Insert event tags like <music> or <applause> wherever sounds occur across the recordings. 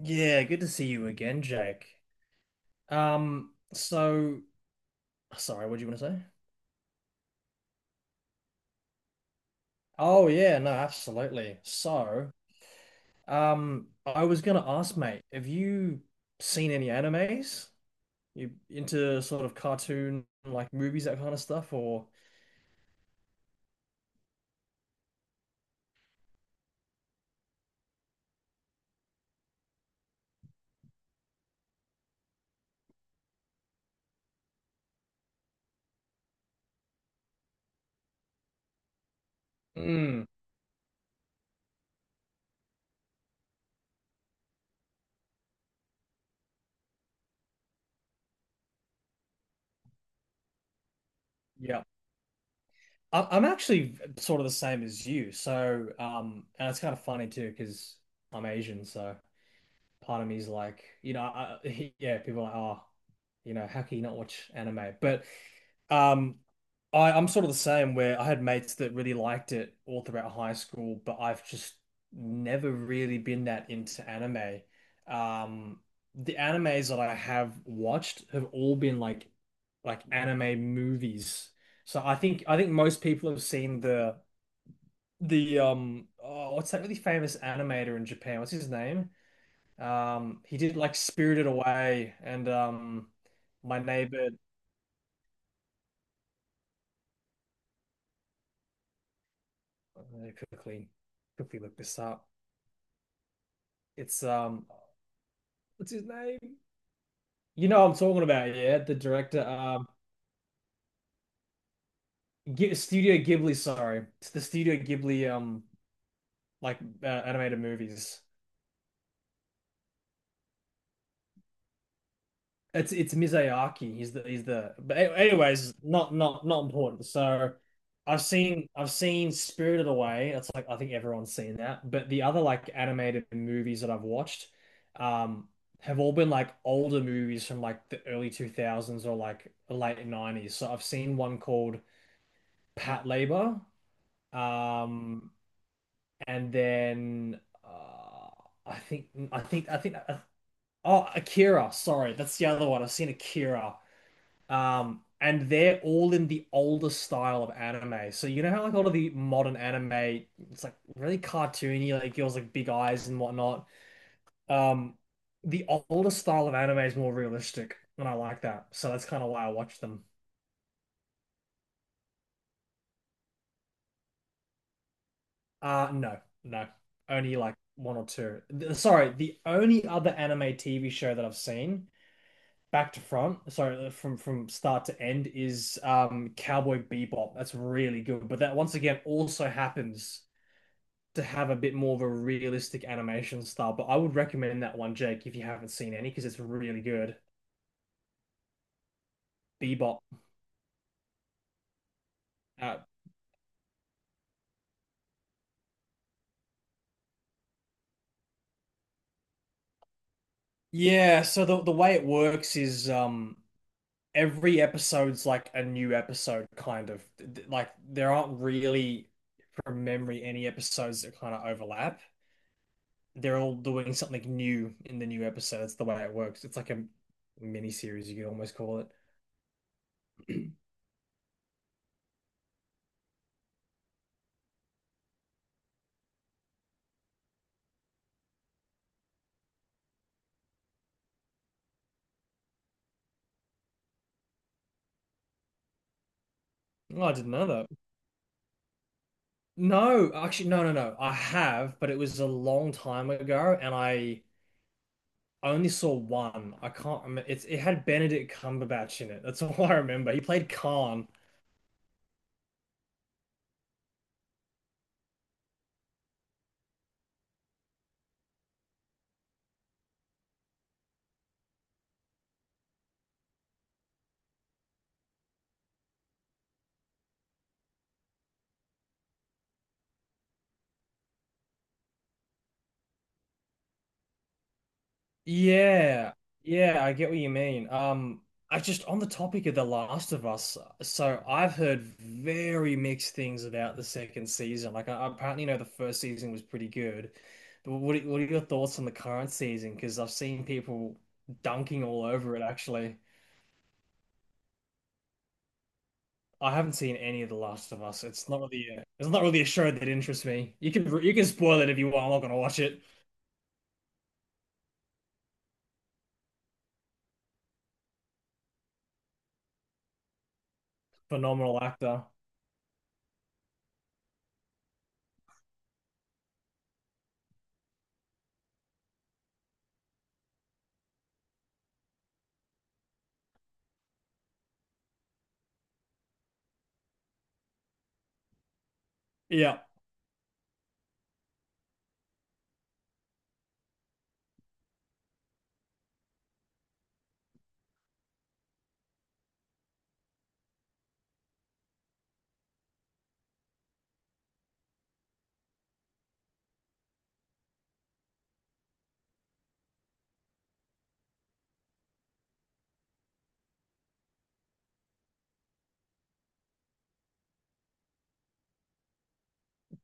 Yeah, good to see you again, Jake. Um, so Sorry, what do you want to say? Oh yeah, no, absolutely. I was gonna ask, mate, have you seen any animes? You into sort of cartoon like movies, that kind of stuff, or mm, yeah. I'm actually sort of the same as you. So, and it's kind of funny too, because I'm Asian, so part of me is like, you know, I, <laughs> yeah, people are like, oh, you know, how can you not watch anime? But Um, I'm sort of the same where I had mates that really liked it all throughout high school, but I've just never really been that into anime. Um, the animes that I have watched have all been like anime movies. So I think most people have seen the oh, what's that really famous animator in Japan? What's his name? He did like Spirited Away and My Neighbor. I quickly quickly look this up. It's what's his name? You know what I'm talking about, yeah. The director, G Studio Ghibli. Sorry, it's the Studio Ghibli animated movies. It's Mizuyaki. He's the, but anyways, not important. So I've seen Spirited Away. It's like I think everyone's seen that. But the other like animated movies that I've watched um have all been like older movies from like the early 2000s or like late 90s. So I've seen one called Pat Labor. Um and then I think I think I think oh Akira, sorry. That's the other one. I've seen Akira. And they're all in the older style of anime. So you know how like a lot of the modern anime, it's like really cartoony, like girls like big eyes and whatnot. Um, the older style of anime is more realistic, and I like that. So that's kind of why I watch them. No, no, only like one or two. Sorry, the only other anime TV show that I've seen back to front, sorry, from start to end is Cowboy Bebop. That's really good, but that once again also happens to have a bit more of a realistic animation style. But I would recommend that one, Jake, if you haven't seen any, because it's really good. Bebop. Uh, yeah, so the way it works is every episode's like a new episode kind of like there aren't really from memory any episodes that kind of overlap. They're all doing something new in the new episode. That's the way it works. It's like a mini series, you could almost call it. Oh, I didn't know that. No, actually, no, no, no. I have, but it was a long time ago, and I only saw one. I can't remember. It's it had Benedict Cumberbatch in it. That's <laughs> all I remember. He played Khan. Yeah, yeah, I get what you mean. I just on the topic of The Last of Us. So I've heard very mixed things about the second season. Like I apparently know the first season was pretty good, but what are your thoughts on the current season? Because I've seen people dunking all over it actually. I haven't seen any of The Last of Us. It's not really a show that interests me. You can spoil it if you want. I'm not gonna watch it. Phenomenal actor. Yeah,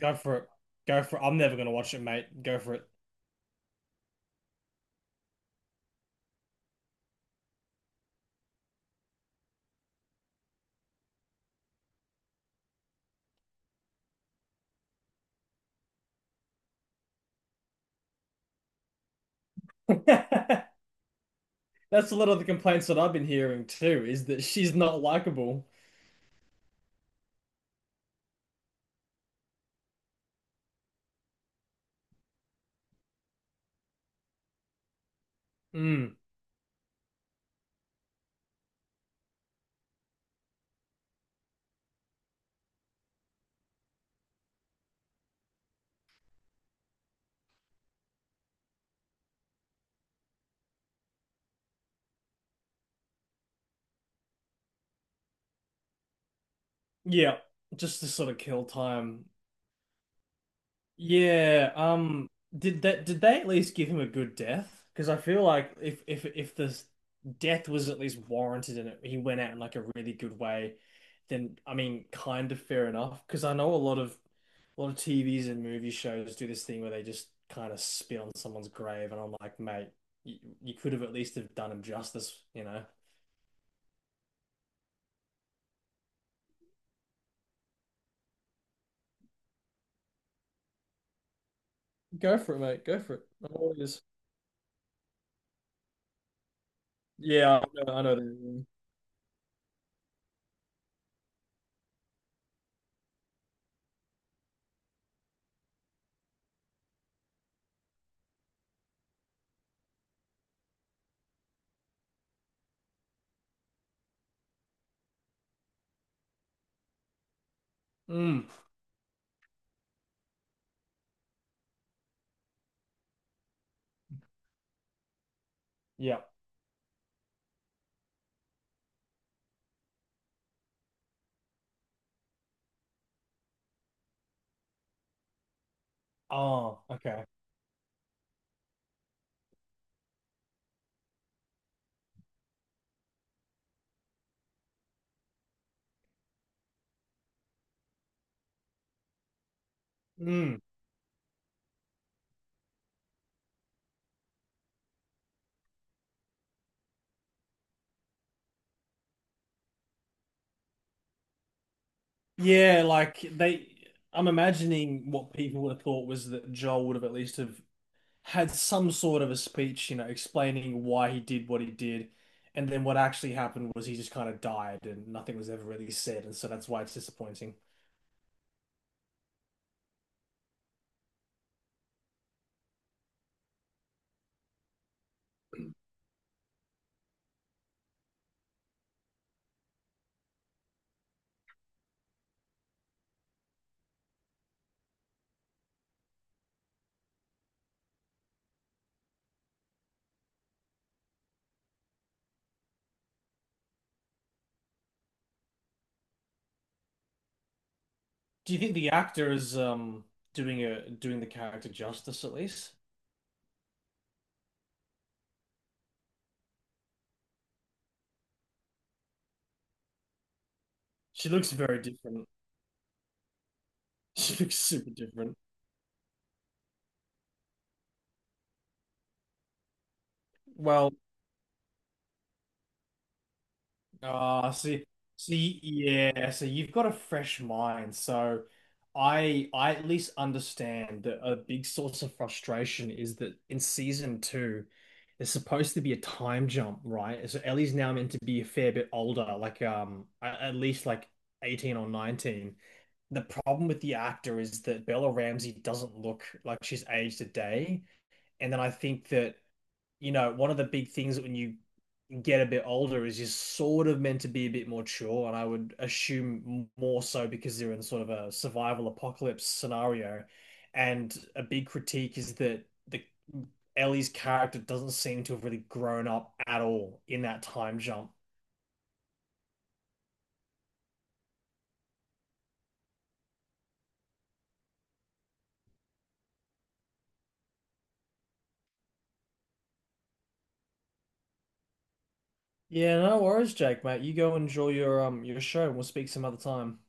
go for it. Go for it. I'm never gonna watch it, mate. Go for it. <laughs> That's a lot of the complaints that I've been hearing too, is that she's not likable. Mm. Yeah, just to sort of kill time. Yeah, did that did they at least give him a good death? Because I feel like if this death was at least warranted and he went out in like a really good way, then I mean, kind of fair enough. Because I know a lot of TVs and movie shows do this thing where they just kind of spit on someone's grave, and I'm like, mate, you, you could have at least have done him justice, you know? Go for it, mate. Go for it. I'm always. Yeah, I know that. Mm, yeah. Oh, okay. Mm. Yeah, like I'm imagining what people would have thought was that Joel would have at least have had some sort of a speech, you know, explaining why he did what he did, and then what actually happened was he just kind of died and nothing was ever really said, and so that's why it's disappointing. Do you think the actor is doing a doing the character justice at least? She looks very different. <laughs> She looks super different. Well, ah, see, see, yeah. So you've got a fresh mind. So I at least understand that a big source of frustration is that in season two, there's supposed to be a time jump, right? So Ellie's now meant to be a fair bit older, like at least like 18 or 19. The problem with the actor is that Bella Ramsey doesn't look like she's aged a day. And then I think that, you know, one of the big things when you get a bit older is just sort of meant to be a bit more mature, and I would assume more so because they're in sort of a survival apocalypse scenario. And a big critique is that the Ellie's character doesn't seem to have really grown up at all in that time jump. Yeah, no worries, Jake, mate. You go enjoy your show and we'll speak some other time.